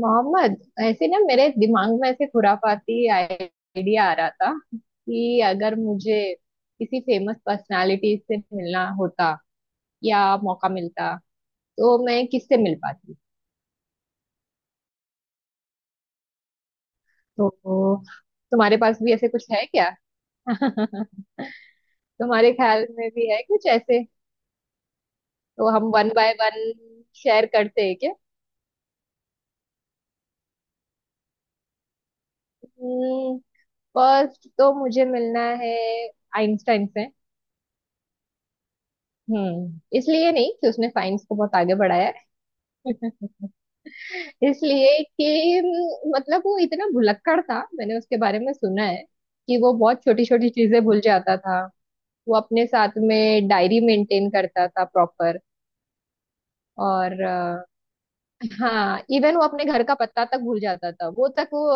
मोहम्मद ऐसे ना, मेरे दिमाग में ऐसे खुराफाती आइडिया आ रहा था कि अगर मुझे किसी फेमस पर्सनालिटी से मिलना होता या मौका मिलता तो मैं किससे मिल पाती। तो तुम्हारे पास भी ऐसे कुछ है क्या? तुम्हारे ख्याल में भी है कुछ ऐसे? तो हम वन बाय वन शेयर करते हैं क्या? फर्स्ट तो मुझे मिलना है आइंस्टाइन से। हम्म, इसलिए नहीं कि उसने साइंस को बहुत आगे बढ़ाया है। इसलिए कि मतलब वो इतना भुलक्कड़ था। मैंने उसके बारे में सुना है कि वो बहुत छोटी छोटी चीजें भूल जाता था। वो अपने साथ में डायरी मेंटेन करता था प्रॉपर। और हाँ, इवन वो अपने घर का पता तक भूल जाता था। वो तक वो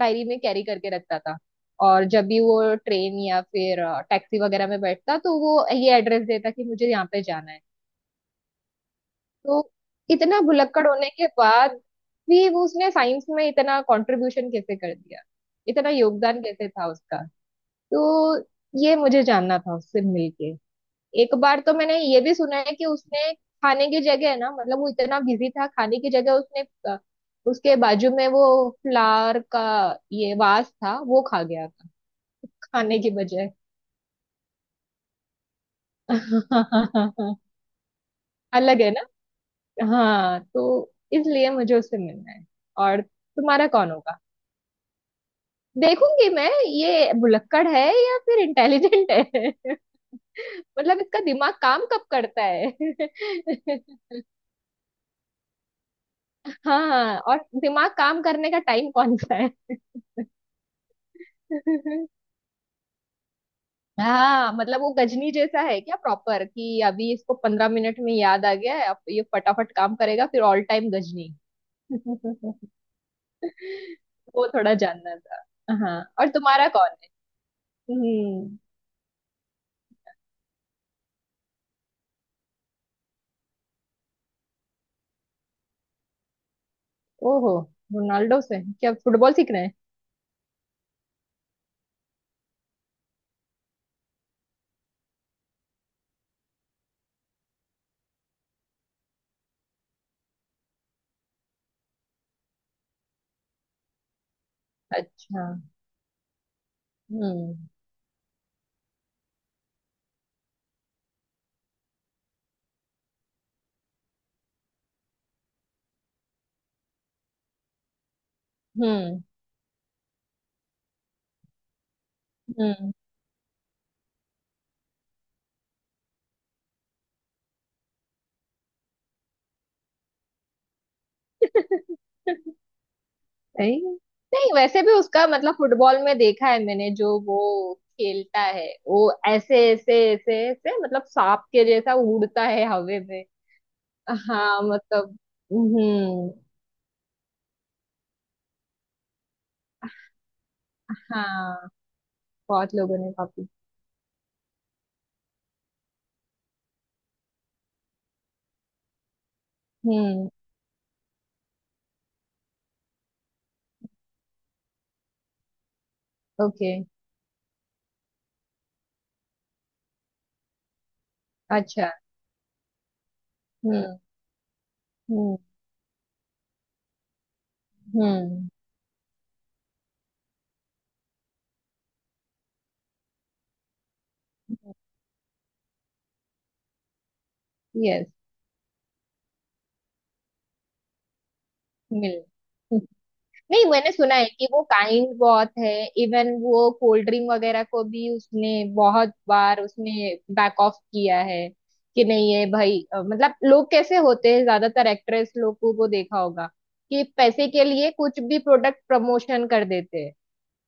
डायरी में कैरी करके रखता था। और जब भी वो ट्रेन या फिर टैक्सी वगैरह में बैठता तो वो ये एड्रेस देता कि मुझे यहाँ पे जाना है। तो इतना भुलक्कड़ होने के बाद भी वो उसने साइंस में इतना कंट्रीब्यूशन कैसे कर दिया, इतना योगदान कैसे था उसका? तो ये मुझे जानना था उससे मिलके। एक बार तो मैंने ये भी सुना है कि उसने खाने की जगह ना, मतलब वो इतना बिजी था, खाने की जगह उसने अ, उसके बाजू में वो फ्लावर का ये वास था वो खा गया था खाने की बजाय। अलग है ना। हाँ, तो इसलिए मुझे उससे मिलना है। और तुम्हारा कौन होगा? देखूंगी मैं, ये भुलक्कड़ है या फिर इंटेलिजेंट है। मतलब इसका दिमाग काम कब करता है। हाँ, और दिमाग काम करने का टाइम कौन सा है। हाँ, मतलब वो गजनी जैसा है क्या प्रॉपर, कि अभी इसको 15 मिनट में याद आ गया है, अब ये फटाफट काम करेगा, फिर ऑल टाइम गजनी। वो थोड़ा जानना था। हाँ, और तुम्हारा कौन है? हम्म। ओहो, रोनाल्डो से क्या फुटबॉल सीख रहे हैं? अच्छा। हम्म, हम्म, हम्म। नहीं नहीं वैसे भी उसका, मतलब फुटबॉल में देखा है मैंने, जो वो खेलता है वो ऐसे ऐसे ऐसे ऐसे, मतलब सांप के जैसा उड़ता है हवे में। हाँ मतलब। हम्म। हाँ, बहुत लोगों ने कॉपी। हम्म। ओके। अच्छा। हम्म, हम्म, हम्म। यस। मिल। नहीं, मैंने सुना है कि वो काइंड बहुत है। इवन वो कोल्ड ड्रिंक वगैरह को भी उसने, बहुत बार उसने बैक ऑफ किया है कि नहीं है भाई। मतलब लोग कैसे होते हैं, ज्यादातर एक्ट्रेस लोगों को वो देखा होगा, कि पैसे के लिए कुछ भी प्रोडक्ट प्रमोशन कर देते हैं,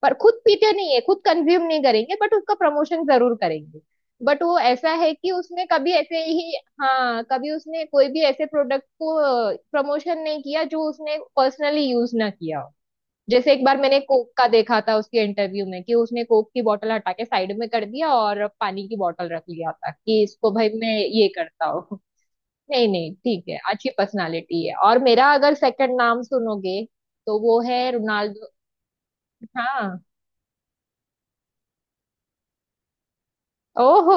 पर खुद पीते नहीं है, खुद कंज्यूम नहीं करेंगे बट उसका प्रमोशन जरूर करेंगे। बट वो ऐसा है कि उसने कभी ऐसे ही, हाँ कभी उसने कोई भी ऐसे प्रोडक्ट को प्रमोशन नहीं किया जो उसने पर्सनली यूज ना किया हो। जैसे एक बार मैंने कोक का देखा था उसके इंटरव्यू में, कि उसने कोक की बोतल हटा के साइड में कर दिया और पानी की बोतल रख लिया था कि इसको भाई मैं ये करता हूँ। नहीं नहीं ठीक है, अच्छी पर्सनालिटी है। और मेरा अगर सेकंड नाम सुनोगे तो वो है रोनाल्डो। हाँ। ओहो,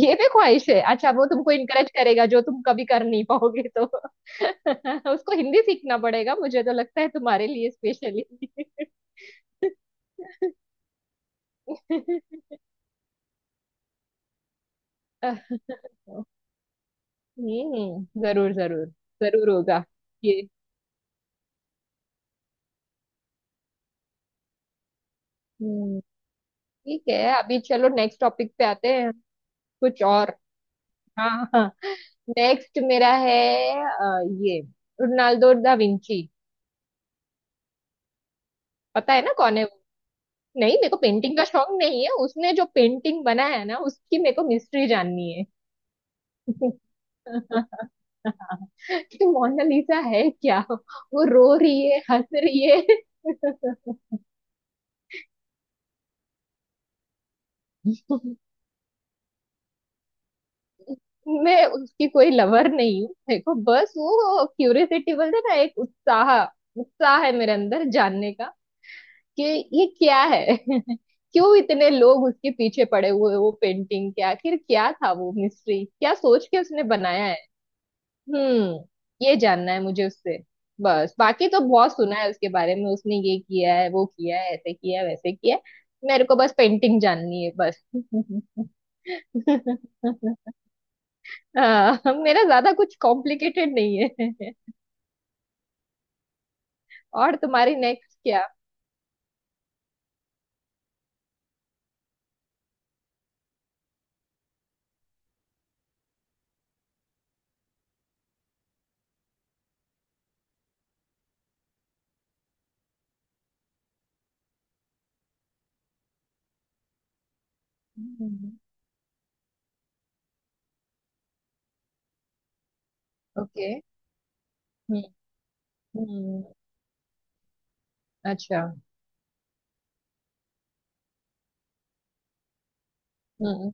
ये भी ख्वाहिश है। अच्छा, वो तुमको इनकरेज करेगा जो तुम कभी कर नहीं पाओगे तो उसको हिंदी सीखना पड़ेगा, मुझे तो लगता है, तुम्हारे लिए स्पेशली। हम्म, जरूर जरूर, जरूर होगा ये। हम्म, ठीक है, अभी चलो नेक्स्ट टॉपिक पे आते हैं। कुछ और? हाँ, हाँ। नेक्स्ट मेरा है ये रोनाल्डो दा विंची। पता है ना कौन है वो? नहीं, मेरे को पेंटिंग का शौक नहीं है। उसने जो पेंटिंग बनाया है ना, उसकी मेरे को मिस्ट्री जाननी है। कि मोनालिसा है क्या, वो रो रही है हंस रही है? मैं उसकी कोई लवर नहीं हूँ, देखो बस वो क्यूरियोसिटी बोलते हैं ना, एक उत्साह, उत्साह है मेरे अंदर जानने का कि ये क्या है। क्यों इतने लोग उसके पीछे पड़े हुए हैं, वो पेंटिंग के आखिर क्या था वो मिस्ट्री, क्या सोच के उसने बनाया है। हम्म, ये जानना है मुझे उससे। बस, बाकी तो बहुत सुना है उसके बारे में, उसने ये किया है, वो किया है, ऐसे किया है, वैसे किया है। मेरे को बस पेंटिंग जाननी है बस। हाँ, मेरा ज्यादा कुछ कॉम्प्लिकेटेड नहीं है। और तुम्हारी नेक्स्ट क्या? ओके। हम्म, okay, हम्म। हम्म, अच्छा। हम्म,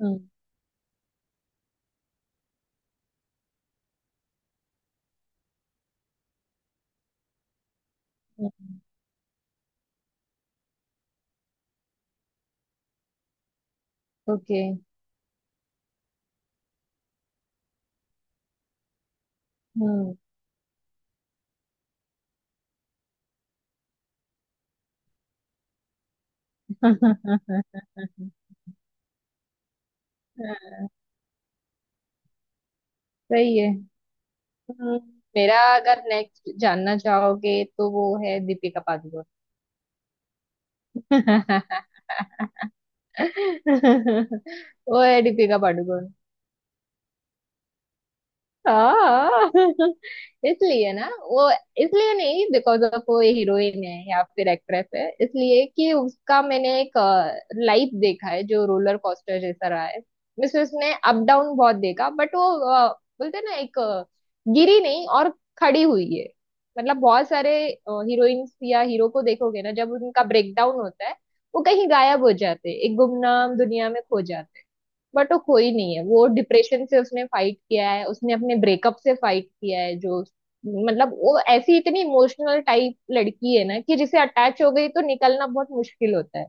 हम्म। ओके। हम्म। सही है। हम्म, मेरा अगर नेक्स्ट जानना चाहोगे तो वो है दीपिका पादुकोण। वो है दीपिका पादुकोण। हाँ। इसलिए ना वो, इसलिए नहीं बिकॉज ऑफ वो हीरोइन है या फिर एक्ट्रेस है, इसलिए कि उसका मैंने एक लाइफ देखा है जो रोलर कोस्टर जैसा रहा है। मिस, उसने अप डाउन बहुत देखा, बट वो अ, बोलते हैं ना एक, गिरी नहीं और खड़ी हुई है। मतलब बहुत सारे हीरोइंस या हीरो को देखोगे ना, जब उनका ब्रेकडाउन होता है वो कहीं गायब हो जाते हैं, एक गुमनाम दुनिया में खो जाते हैं, बट वो कोई नहीं है। वो डिप्रेशन से उसने फाइट किया है, उसने अपने ब्रेकअप से फाइट किया है। जो मतलब वो ऐसी इतनी इमोशनल टाइप लड़की है ना, कि जिसे अटैच हो गई तो निकलना बहुत मुश्किल होता है।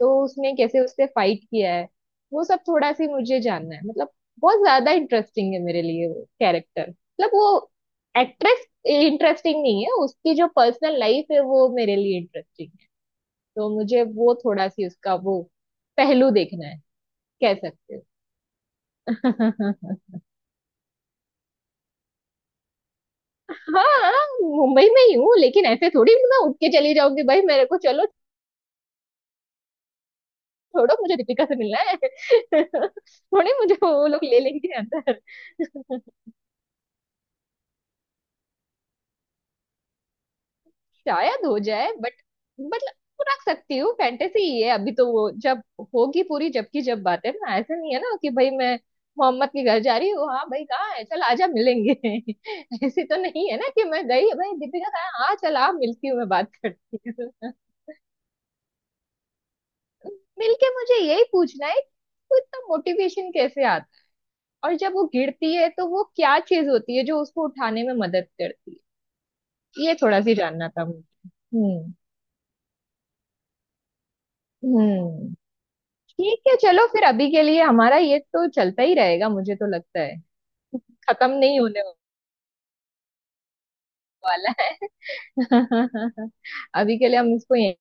तो उसने कैसे उससे फाइट किया है, वो सब थोड़ा सी मुझे जानना है, मतलब बहुत ज्यादा इंटरेस्टिंग है मेरे लिए वो कैरेक्टर। मतलब वो एक्ट्रेस इंटरेस्टिंग नहीं है, उसकी जो पर्सनल लाइफ है वो मेरे लिए इंटरेस्टिंग है। तो मुझे वो थोड़ा सी उसका वो पहलू देखना है, कह सकते हो। हाँ, मुंबई में ही हूँ लेकिन ऐसे थोड़ी मैं उठ के चली जाऊंगी भाई मेरे को चलो। छोड़ो, मुझे दीपिका से मिलना है। थोड़ी मुझे वो लोग ले लेंगे अंदर। शायद हो जाए, बट मतलब रख सकती हूँ, फैंटेसी ही है अभी तो। वो जब होगी पूरी, जबकि जब बात है ना, ऐसा नहीं है ना कि भाई मैं मोहम्मद के घर जा रही हूँ, हाँ भाई कहाँ है चल आजा मिलेंगे। ऐसे तो नहीं है ना कि मैं गई भाई दीपिका कहाँ है? हाँ चल आ मिलती हूँ मैं बात करती हूँ। मिलके मुझे यही पूछना है तो, इतना मोटिवेशन कैसे आता, और जब वो गिरती है तो वो क्या चीज होती है जो उसको उठाने में मदद करती है। ये थोड़ा सी जानना था मुझे। हम्म, हम्म, ठीक है चलो फिर। अभी के लिए हमारा ये तो चलता ही रहेगा, मुझे तो लगता है। खत्म नहीं होने वाला है। अभी के लिए हम इसको।